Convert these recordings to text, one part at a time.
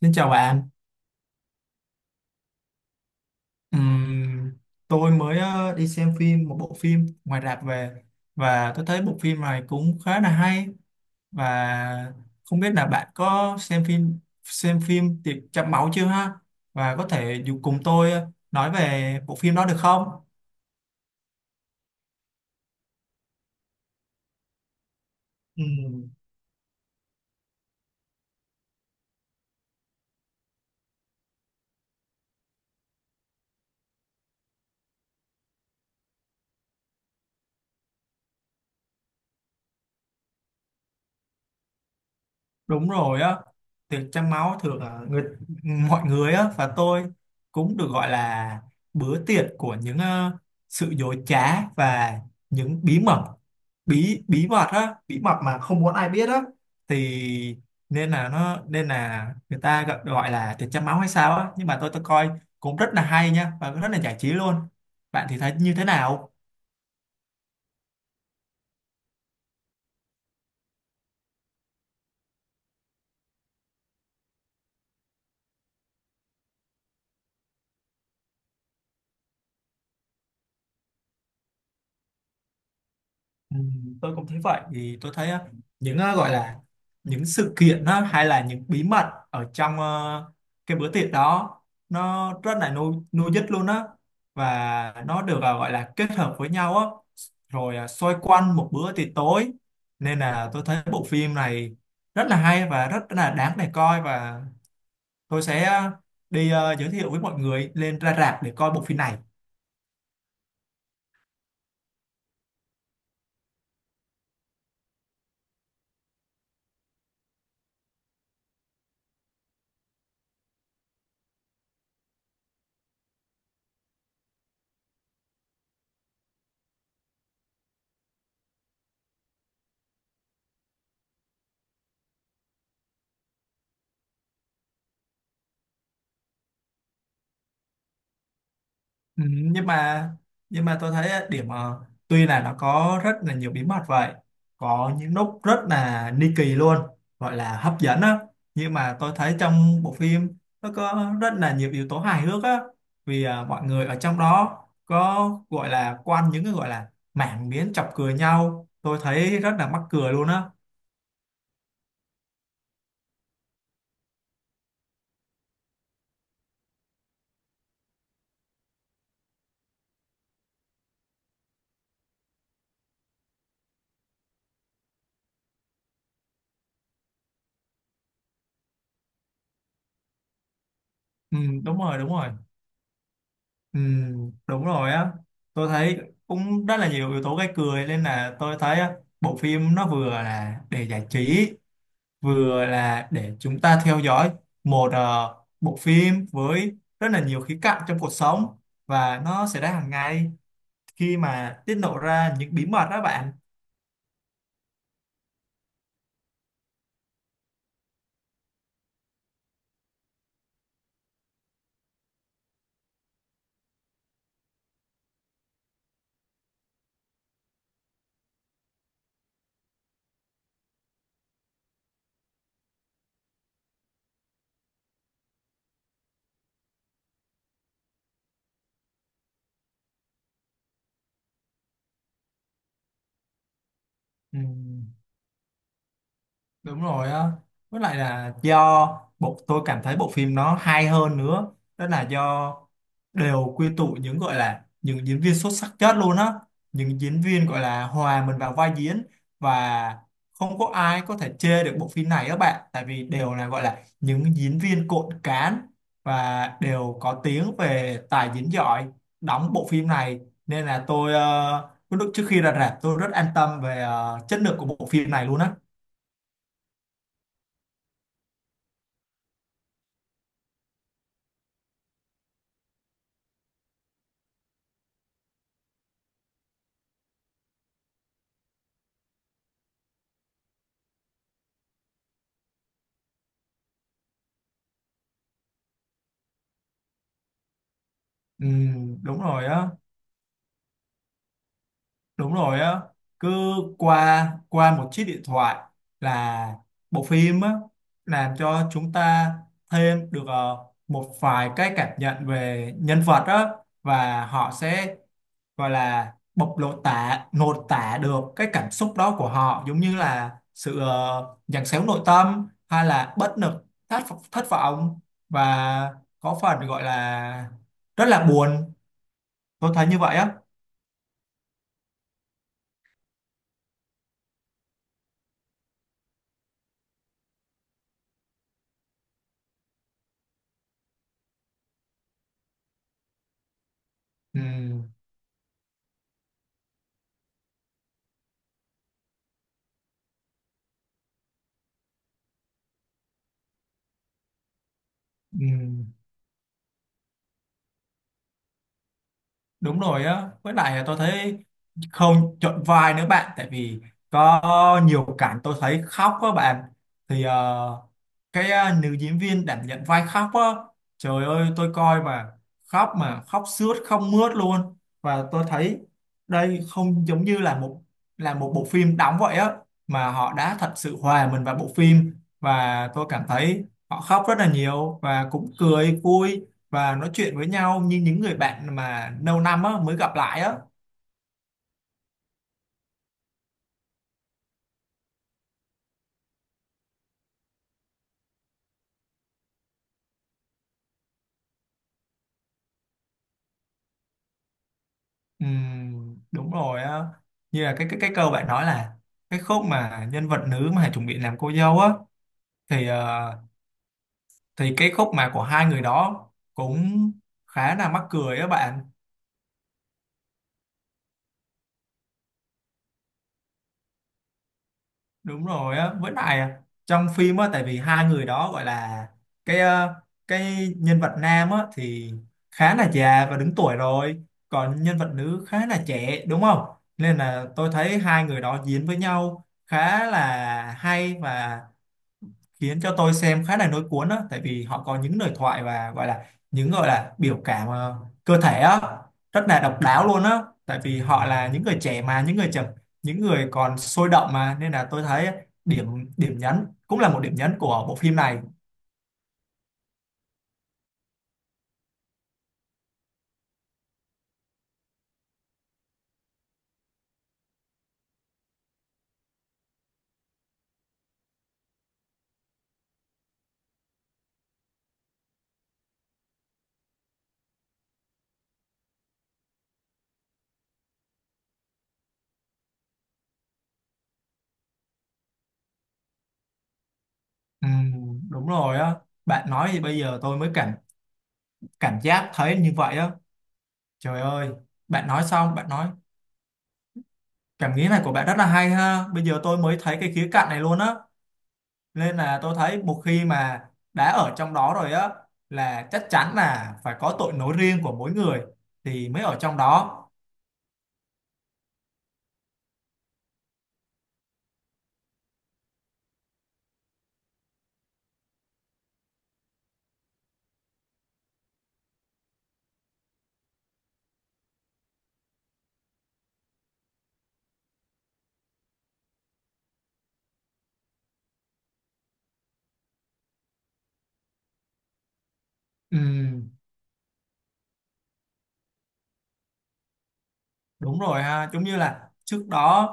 Xin chào bạn. Ừm, tôi mới đi xem phim một bộ phim ngoài rạp về và tôi thấy bộ phim này cũng khá là hay, và không biết là bạn có xem phim Tiệc Trăng Máu chưa ha? Và có thể dù cùng tôi nói về bộ phim đó được không? Đúng rồi á, tiệc trăng máu thường là người mọi người á, và tôi cũng được gọi là bữa tiệc của những sự dối trá và những bí mật á, bí mật mà không muốn ai biết á thì nên là người ta gọi gọi là tiệc trăng máu hay sao á, nhưng mà tôi coi cũng rất là hay nha và rất là giải trí luôn. Bạn thì thấy như thế nào? Ừ, tôi cũng thấy vậy, thì tôi thấy á, những á, gọi là những sự kiện á, hay là những bí mật ở trong cái bữa tiệc đó, nó rất là nuôi nuôi dứt luôn á, và nó được gọi là kết hợp với nhau á, rồi xoay quanh một bữa tiệc tối, nên là tôi thấy bộ phim này rất là hay và rất là đáng để coi, và tôi sẽ đi giới thiệu với mọi người lên ra rạp để coi bộ phim này. Ừ, nhưng mà tôi thấy á, điểm tuy là nó có rất là nhiều bí mật vậy, có những lúc rất là ni kỳ luôn, gọi là hấp dẫn á, nhưng mà tôi thấy trong bộ phim nó có rất là nhiều yếu tố hài hước á, vì mọi người ở trong đó có gọi là quanh những cái gọi là mảng miếng chọc cười nhau, tôi thấy rất là mắc cười luôn á. Ừ, đúng rồi, đúng rồi. Ừ, đúng rồi á, tôi thấy cũng rất là nhiều yếu tố gây cười, nên là tôi thấy á, bộ phim nó vừa là để giải trí, vừa là để chúng ta theo dõi một bộ phim với rất là nhiều khía cạnh trong cuộc sống, và nó xảy ra hàng ngày khi mà tiết lộ ra những bí mật đó bạn. Ừ. Đúng rồi á. Với lại là do tôi cảm thấy bộ phim nó hay hơn nữa. Đó là do đều quy tụ những gọi là những diễn viên xuất sắc nhất luôn á. Những diễn viên gọi là hòa mình vào vai diễn, và không có ai có thể chê được bộ phim này các bạn. Tại vì đều là gọi là những diễn viên cộn cán và đều có tiếng về tài diễn giỏi đóng bộ phim này. Nên là tôi lúc trước khi ra rạp tôi rất an tâm về chất lượng của bộ phim này luôn á. Ừ, đúng rồi á, đúng rồi á. Cứ qua qua một chiếc điện thoại là bộ phim á làm cho chúng ta thêm được một vài cái cảm nhận về nhân vật á, và họ sẽ gọi là bộc lộ tả nội tả được cái cảm xúc đó của họ, giống như là sự giằng xéo nội tâm hay là bất lực, thất thất vọng, và có phần gọi là rất là buồn, tôi thấy như vậy á. Ừ. Ừ, đúng rồi á, với lại tôi thấy không chọn vai nữa bạn, tại vì có nhiều cảnh tôi thấy khóc á bạn, thì cái nữ diễn viên đảm nhận vai khóc á, trời ơi tôi coi mà khóc, mà khóc sướt không mướt luôn, và tôi thấy đây không giống như là một, là một bộ phim đóng vậy á, mà họ đã thật sự hòa mình vào bộ phim, và tôi cảm thấy họ khóc rất là nhiều, và cũng cười vui và nói chuyện với nhau như những người bạn mà lâu năm á, mới gặp lại á. Đúng rồi á, như là cái câu bạn nói, là cái khúc mà nhân vật nữ mà chuẩn bị làm cô dâu á, thì thì cái khúc mà của hai người đó cũng khá là mắc cười á bạn. Đúng rồi á, với lại trong phim á, tại vì hai người đó gọi là cái cái nhân vật nam á thì khá là già và đứng tuổi rồi, còn nhân vật nữ khá là trẻ đúng không, nên là tôi thấy hai người đó diễn với nhau khá là hay, và khiến cho tôi xem khá là nối cuốn á, tại vì họ có những lời thoại và gọi là những gọi là biểu cảm cơ thể á rất là độc đáo luôn á, tại vì họ là những người trẻ, mà những người trẻ, những người còn sôi động mà, nên là tôi thấy điểm điểm nhấn cũng là một điểm nhấn của bộ phim này. Đúng rồi á, bạn nói thì bây giờ tôi mới cảm cảm giác thấy như vậy á, trời ơi, bạn nói xong, bạn nói cảm nghĩ này của bạn rất là hay ha, bây giờ tôi mới thấy cái khía cạnh này luôn á, nên là tôi thấy một khi mà đã ở trong đó rồi á là chắc chắn là phải có tội lỗi riêng của mỗi người thì mới ở trong đó. Ừm, Đúng rồi ha, giống như là trước đó,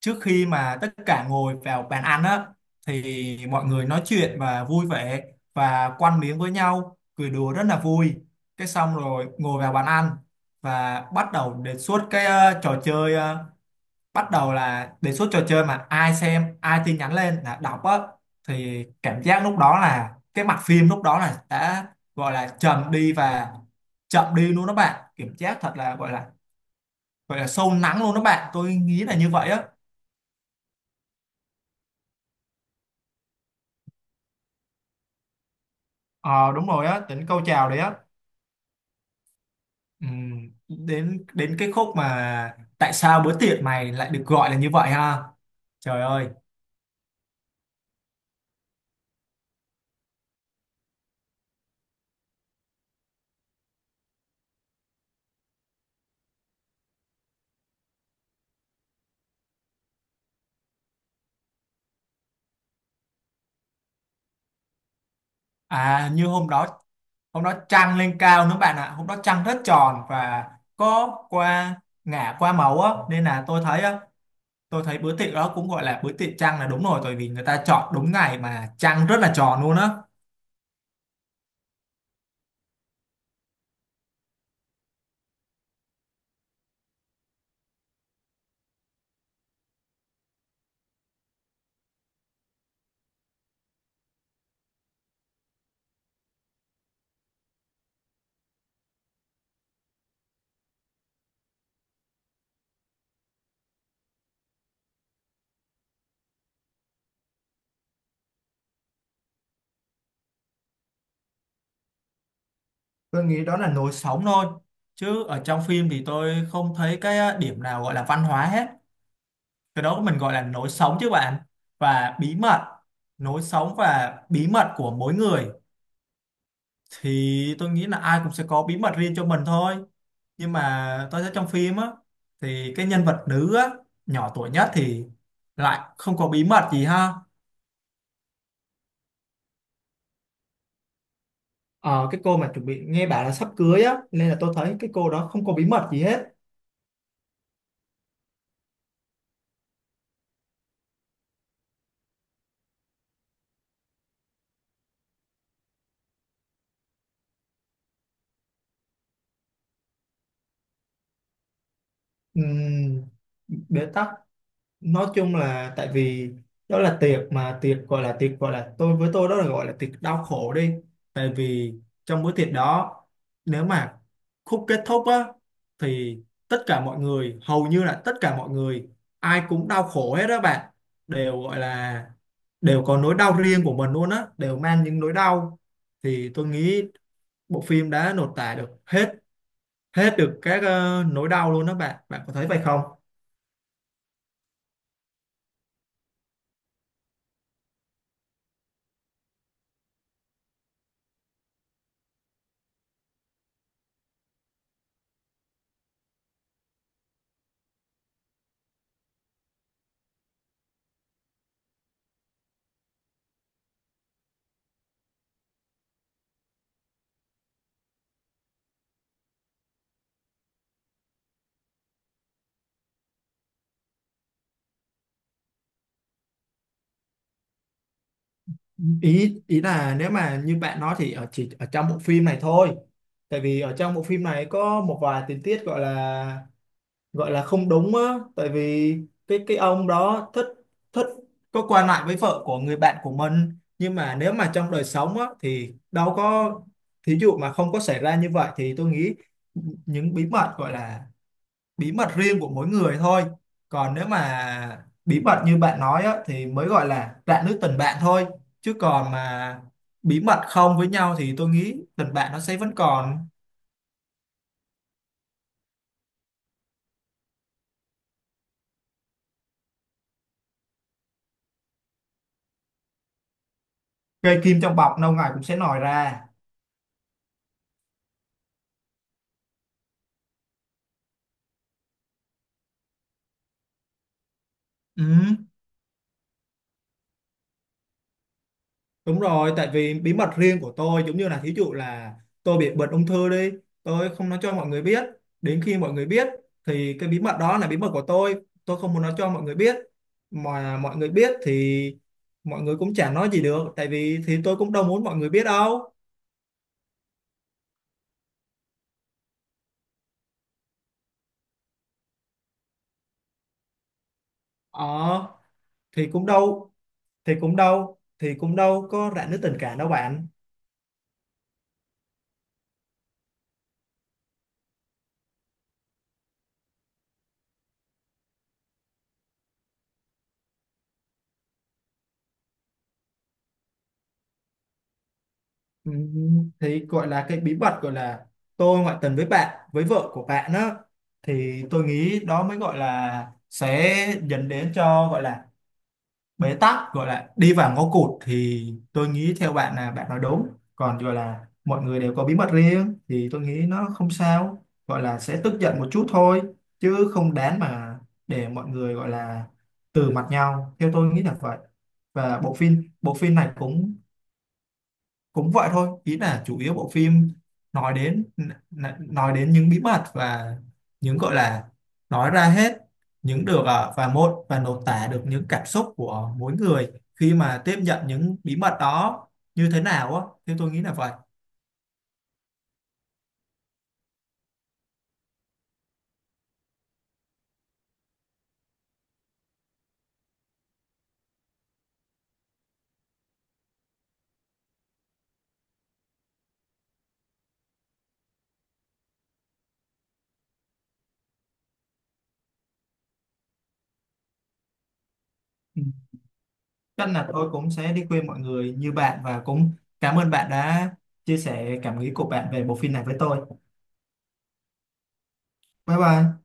trước khi mà tất cả ngồi vào bàn ăn á, thì mọi người nói chuyện và vui vẻ, và quăn miếng với nhau cười đùa rất là vui, cái xong rồi ngồi vào bàn ăn và bắt đầu đề xuất cái trò chơi, bắt đầu là đề xuất trò chơi mà ai xem ai tin nhắn lên là đọc á, thì cảm giác lúc đó là cái mặt phim lúc đó là đã gọi là trầm đi và chậm đi luôn đó bạn, cảm giác thật là gọi là sâu lắng luôn đó bạn, tôi nghĩ là như vậy á. Ờ Đúng rồi á, đến câu chào đấy á. Đến đến cái khúc mà tại sao bữa tiệc mày lại được gọi là như vậy ha, trời ơi. Như hôm đó, trăng lên cao nữa bạn ạ, hôm đó trăng rất tròn và có qua ngả qua màu á, nên là tôi thấy á, tôi thấy bữa tiệc đó cũng gọi là bữa tiệc trăng là đúng rồi, tại vì người ta chọn đúng ngày mà trăng rất là tròn luôn á. Tôi nghĩ đó là nối sống thôi, chứ ở trong phim thì tôi không thấy cái á, điểm nào gọi là văn hóa hết, cái đó mình gọi là nối sống chứ bạn, và bí mật, nối sống và bí mật của mỗi người thì tôi nghĩ là ai cũng sẽ có bí mật riêng cho mình thôi, nhưng mà tôi thấy trong phim á thì cái nhân vật nữ á nhỏ tuổi nhất thì lại không có bí mật gì ha. Ờ, cái cô mà chuẩn bị nghe bảo là sắp cưới á, nên là tôi thấy cái cô đó không có bí mật gì hết. Ừm, Bế tắc, nói chung là tại vì đó là tiệc, mà tiệc gọi là tôi với tôi đó là gọi là tiệc đau khổ đi, tại vì trong bữa tiệc đó, nếu mà khúc kết thúc á, thì tất cả mọi người, hầu như là tất cả mọi người ai cũng đau khổ hết đó bạn, đều gọi là đều có nỗi đau riêng của mình luôn á, đều mang những nỗi đau, thì tôi nghĩ bộ phim đã lột tả được hết, được các nỗi đau luôn đó bạn bạn có thấy vậy không? Ý ý là nếu mà như bạn nói thì chỉ ở trong bộ phim này thôi, tại vì ở trong bộ phim này có một vài tình tiết gọi là không đúng á, tại vì cái ông đó thích thích có qua lại với vợ của người bạn của mình, nhưng mà nếu mà trong đời sống á thì đâu có, thí dụ mà không có xảy ra như vậy thì tôi nghĩ những bí mật gọi là bí mật riêng của mỗi người thôi, còn nếu mà bí mật như bạn nói á, thì mới gọi là rạn nứt tình bạn thôi, chứ còn mà bí mật không với nhau thì tôi nghĩ tình bạn nó sẽ vẫn còn. Cây kim trong bọc lâu ngày cũng sẽ nổi ra. Ừ. Đúng rồi, tại vì bí mật riêng của tôi giống như là thí dụ là tôi bị bệnh ung thư đi, tôi không nói cho mọi người biết. Đến khi mọi người biết thì cái bí mật đó là bí mật của tôi không muốn nói cho mọi người biết. Mà mọi người biết thì mọi người cũng chả nói gì được, tại vì thì tôi cũng đâu muốn mọi người biết đâu. Ờ, thì cũng đâu, thì cũng đâu có rạn nứt tình cảm đâu bạn. Ừ, thì gọi là cái bí mật gọi là tôi ngoại tình với bạn, với vợ của bạn á, thì tôi nghĩ đó mới gọi là sẽ dẫn đến cho gọi là bế tắc, gọi là đi vào ngõ cụt, thì tôi nghĩ theo bạn là bạn nói đúng, còn gọi là mọi người đều có bí mật riêng thì tôi nghĩ nó không sao, gọi là sẽ tức giận một chút thôi, chứ không đáng mà để mọi người gọi là từ mặt nhau, theo tôi nghĩ là vậy. Và bộ phim này cũng cũng vậy thôi, ý là chủ yếu bộ phim nói đến nói đến những bí mật và những gọi là nói ra hết những được và một và lột tả được những cảm xúc của mỗi người khi mà tiếp nhận những bí mật đó như thế nào á, thì tôi nghĩ là vậy. Ừ. Chắc là tôi cũng sẽ đi khuyên mọi người như bạn, và cũng cảm ơn bạn đã chia sẻ cảm nghĩ của bạn về bộ phim này với tôi. Bye bye.